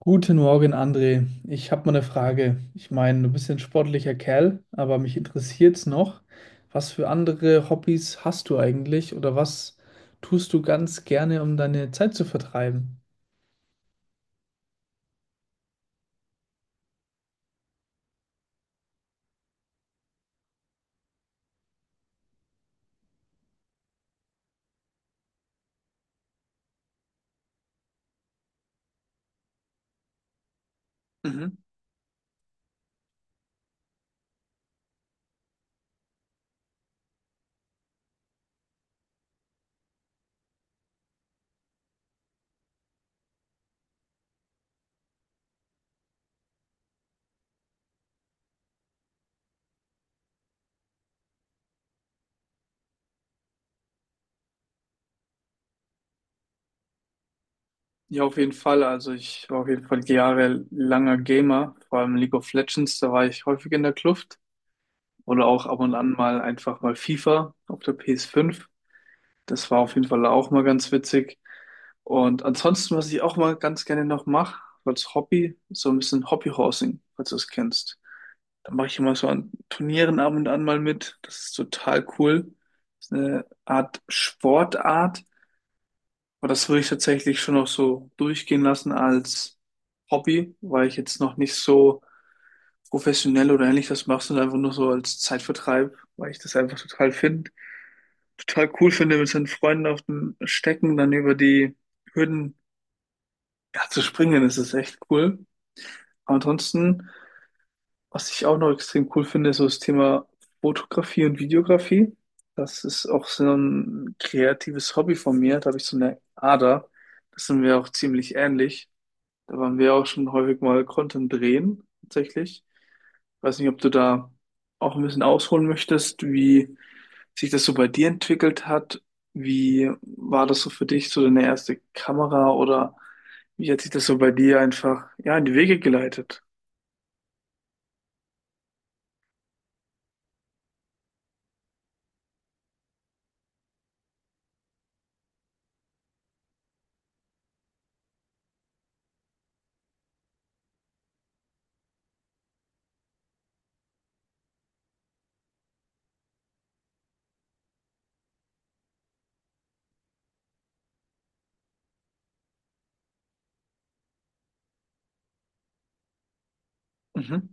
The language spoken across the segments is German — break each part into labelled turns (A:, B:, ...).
A: Guten Morgen, André. Ich habe mal eine Frage. Ich meine, du bist ein sportlicher Kerl, aber mich interessiert's noch, was für andere Hobbys hast du eigentlich oder was tust du ganz gerne, um deine Zeit zu vertreiben? Mhm. Ja, auf jeden Fall. Also ich war auf jeden Fall jahrelanger Gamer, vor allem League of Legends, da war ich häufig in der Kluft. Oder auch ab und an mal einfach mal FIFA auf der PS5. Das war auf jeden Fall auch mal ganz witzig. Und ansonsten, was ich auch mal ganz gerne noch mache, als Hobby, so ein bisschen Hobbyhorsing, falls du es kennst. Da mache ich immer so an Turnieren ab und an mal mit. Das ist total cool. Das ist eine Art Sportart, aber das würde ich tatsächlich schon noch so durchgehen lassen als Hobby, weil ich jetzt noch nicht so professionell oder ähnlich das mache, sondern einfach nur so als Zeitvertreib, weil ich das einfach total cool finde, mit seinen Freunden auf dem Stecken dann über die Hürden, ja, zu springen ist es echt cool. Aber ansonsten, was ich auch noch extrem cool finde, ist so das Thema Fotografie und Videografie. Das ist auch so ein kreatives Hobby von mir. Da habe ich so eine Ader. Das sind wir auch ziemlich ähnlich. Da waren wir auch schon häufig mal Content drehen, tatsächlich. Ich weiß nicht, ob du da auch ein bisschen ausholen möchtest, wie sich das so bei dir entwickelt hat. Wie war das so für dich, so deine erste Kamera oder wie hat sich das so bei dir einfach, ja, in die Wege geleitet? Mhm.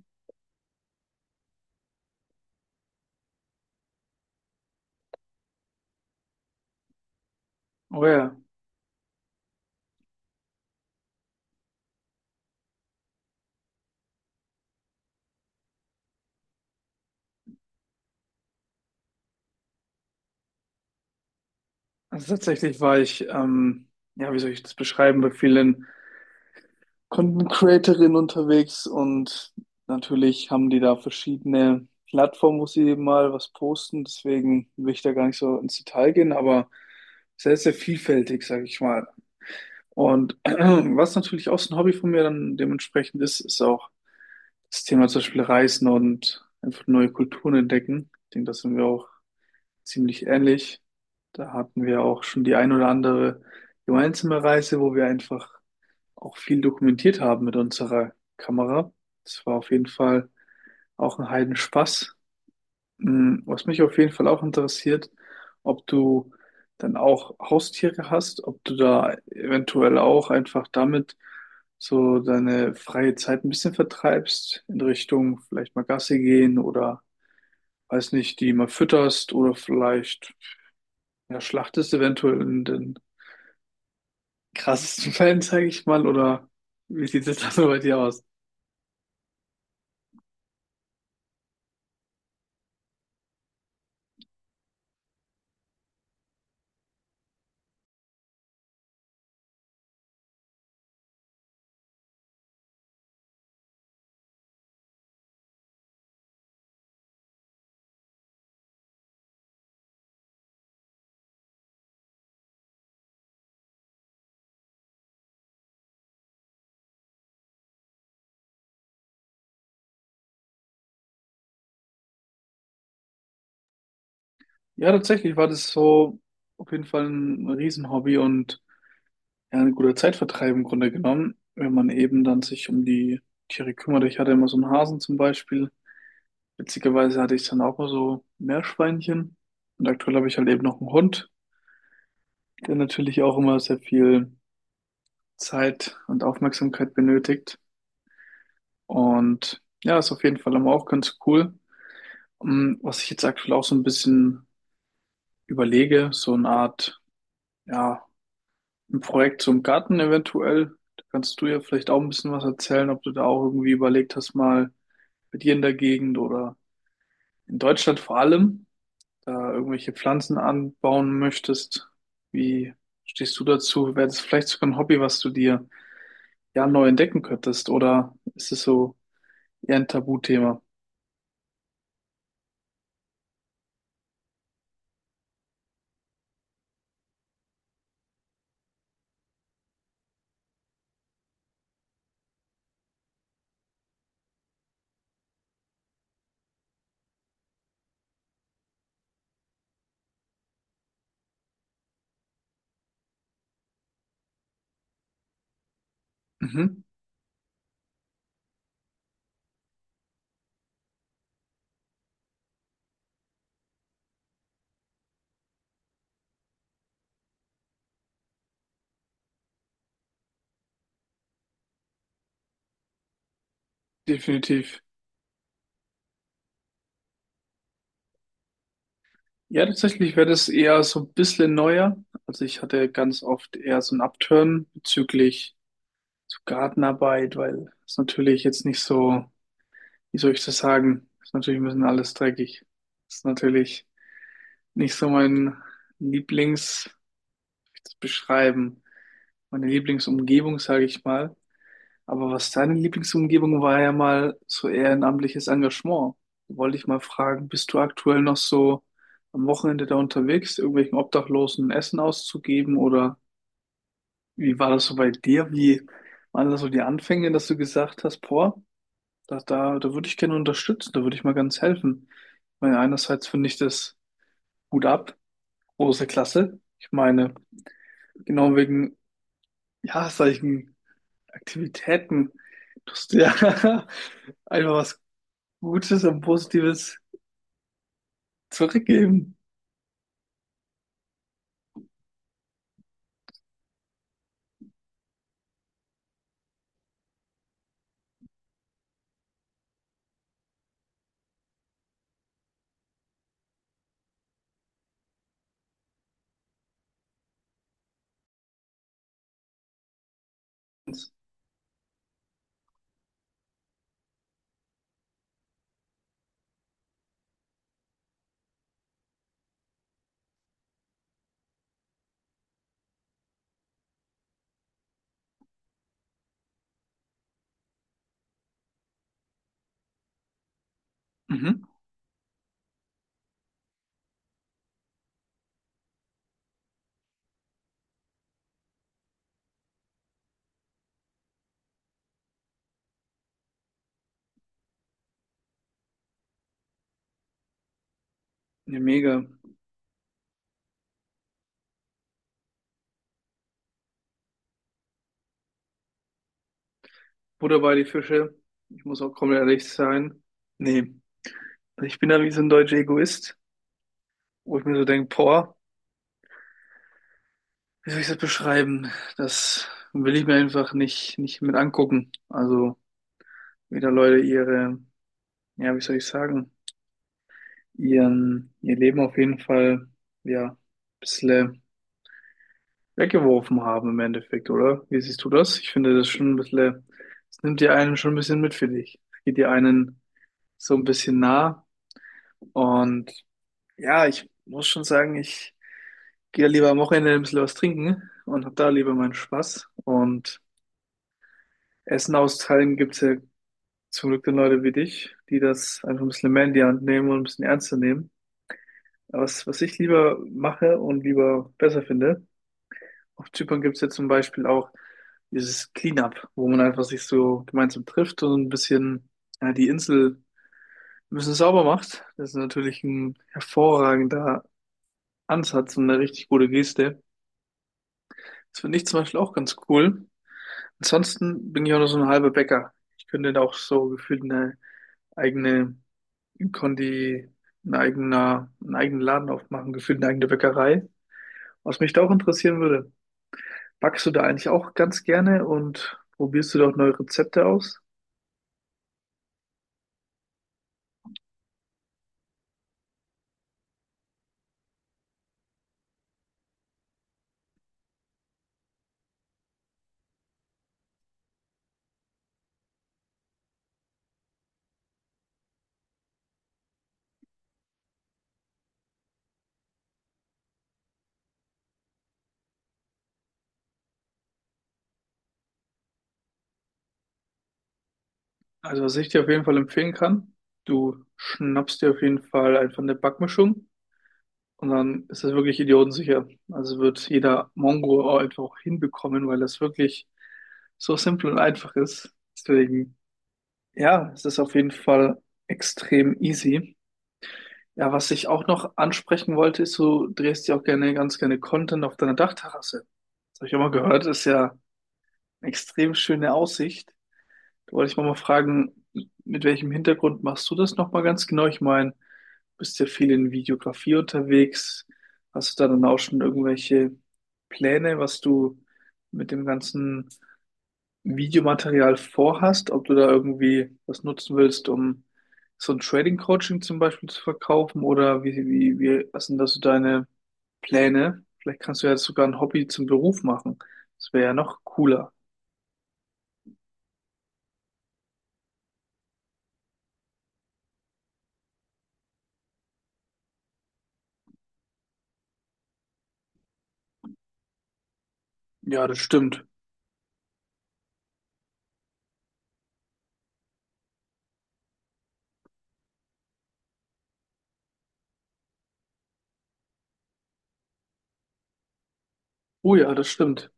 A: Oh ja, also tatsächlich war ich, ja, wie soll ich das beschreiben, bei vielen Content Creatorinnen unterwegs und natürlich haben die da verschiedene Plattformen, wo sie mal was posten, deswegen will ich da gar nicht so ins Detail gehen, aber sehr, sehr vielfältig, sage ich mal. Und was natürlich auch so ein Hobby von mir dann dementsprechend ist, ist auch das Thema zum Beispiel Reisen und einfach neue Kulturen entdecken. Ich denke, da sind wir auch ziemlich ähnlich. Da hatten wir auch schon die ein oder andere gemeinsame Reise, wo wir einfach auch viel dokumentiert haben mit unserer Kamera. Das war auf jeden Fall auch ein Heidenspaß. Mm. Was mich auf jeden Fall auch interessiert, ob du dann auch Haustiere hast, ob du da eventuell auch einfach damit so deine freie Zeit ein bisschen vertreibst, in Richtung vielleicht mal Gassi gehen oder weiß nicht, die mal fütterst oder vielleicht, ja, schlachtest eventuell in den krassesten Fällen, sage ich mal, oder wie sieht es da so bei dir aus? Ja, tatsächlich war das so auf jeden Fall ein Riesenhobby und, ja, ein guter Zeitvertreib im Grunde genommen, wenn man eben dann sich um die Tiere kümmert. Ich hatte immer so einen Hasen zum Beispiel. Witzigerweise hatte ich dann auch mal so Meerschweinchen. Und aktuell habe ich halt eben noch einen Hund, der natürlich auch immer sehr viel Zeit und Aufmerksamkeit benötigt. Und ja, ist auf jeden Fall immer auch ganz cool. Mm. Was ich jetzt aktuell auch so ein bisschen überlege, so eine Art, ja, ein Projekt zum Garten eventuell. Da kannst du ja vielleicht auch ein bisschen was erzählen, ob du da auch irgendwie überlegt hast, mal bei dir in der Gegend oder in Deutschland vor allem, da irgendwelche Pflanzen anbauen möchtest, wie stehst du dazu? Wäre das vielleicht sogar ein Hobby, was du dir ja neu entdecken könntest? Oder ist es so eher ein Tabuthema? Mhm, definitiv. Ja, tatsächlich wäre das eher so ein bisschen neuer. Also ich hatte ganz oft eher so ein Upturn bezüglich so Gartenarbeit, weil es natürlich jetzt nicht so, wie soll ich das sagen, ist natürlich ein bisschen alles dreckig. Ist natürlich nicht so mein Lieblings, wie soll ich das beschreiben, meine Lieblingsumgebung, sage ich mal. Aber was deine Lieblingsumgebung war, ja mal so ehrenamtliches Engagement. Da wollte ich mal fragen, bist du aktuell noch so am Wochenende da unterwegs, irgendwelchen Obdachlosen Essen auszugeben oder wie war das so bei dir? Wie waren das so die Anfänge, dass du gesagt hast, boah, da würde ich gerne unterstützen, da würde ich mal ganz helfen. Ich meine, einerseits finde ich das gut ab, große Klasse. Ich meine, genau wegen, ja, solchen Aktivitäten tust du ja einfach was Gutes und Positives zurückgeben. Mhm. Ja, mega. Butter bei die Fische. Ich muss auch komplett ehrlich sein. Nee, also ich bin da wie so ein deutscher Egoist, wo ich mir so denke, boah, wie soll ich das beschreiben? Das will ich mir einfach nicht mit angucken. Also, wie da Leute ihre, ja, wie soll ich sagen, ihr Leben auf jeden Fall, ja, ein bisschen weggeworfen haben im Endeffekt, oder? Wie siehst du das? Ich finde das schon ein bisschen, es nimmt dir einen schon ein bisschen mit, finde ich. Es geht dir einen so ein bisschen nah. Und ja, ich muss schon sagen, ich gehe lieber am Wochenende ein bisschen was trinken und habe da lieber meinen Spaß. Und Essen austeilen gibt's ja zum Glück dann Leute wie dich, die das einfach ein bisschen mehr in die Hand nehmen und ein bisschen ernster nehmen. Aber was, was ich lieber mache und lieber besser finde, auf Zypern gibt es ja zum Beispiel auch dieses Cleanup, wo man einfach sich so gemeinsam trifft und ein bisschen, ja, die Insel ein bisschen sauber macht. Das ist natürlich ein hervorragender Ansatz und eine richtig gute Geste. Das finde ich zum Beispiel auch ganz cool. Ansonsten bin ich auch noch so ein halber Bäcker. Ich könnte da auch so gefühlt eine eigene Kondi, ein eigener, einen eigenen Laden aufmachen, gefühlt eine eigene Bäckerei. Was mich da auch interessieren würde, backst du da eigentlich auch ganz gerne und probierst du dort neue Rezepte aus? Also, was ich dir auf jeden Fall empfehlen kann, du schnappst dir auf jeden Fall einfach eine Backmischung und dann ist das wirklich idiotensicher. Also wird jeder Mongo auch einfach auch hinbekommen, weil das wirklich so simpel und einfach ist. Deswegen, ja, es ist auf jeden Fall extrem easy. Ja, was ich auch noch ansprechen wollte, ist, du drehst ja auch gerne, ganz gerne Content auf deiner Dachterrasse. Das habe ich auch mal gehört, ist ja extrem schöne Aussicht. Da wollte ich mal fragen, mit welchem Hintergrund machst du das nochmal ganz genau? Ich meine, bist ja viel in Videografie unterwegs. Hast du da dann auch schon irgendwelche Pläne, was du mit dem ganzen Videomaterial vorhast? Ob du da irgendwie was nutzen willst, um so ein Trading-Coaching zum Beispiel zu verkaufen? Oder wie, was sind da so deine Pläne? Vielleicht kannst du ja sogar ein Hobby zum Beruf machen. Das wäre ja noch cooler. Ja, das stimmt. Oh ja, das stimmt.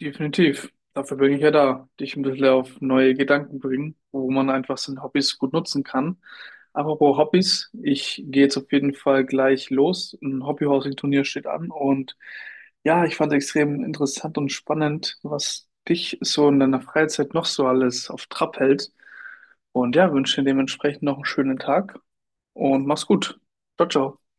A: Definitiv. Dafür bin ich ja da. Dich ein bisschen auf neue Gedanken bringen, wo man einfach seine Hobbys gut nutzen kann. Apropos Hobbys, ich gehe jetzt auf jeden Fall gleich los. Ein Hobbyhousing-Turnier steht an und, ja, ich fand es extrem interessant und spannend, was dich so in deiner Freizeit noch so alles auf Trab hält. Und ja, wünsche dir dementsprechend noch einen schönen Tag und mach's gut. Ciao, ciao.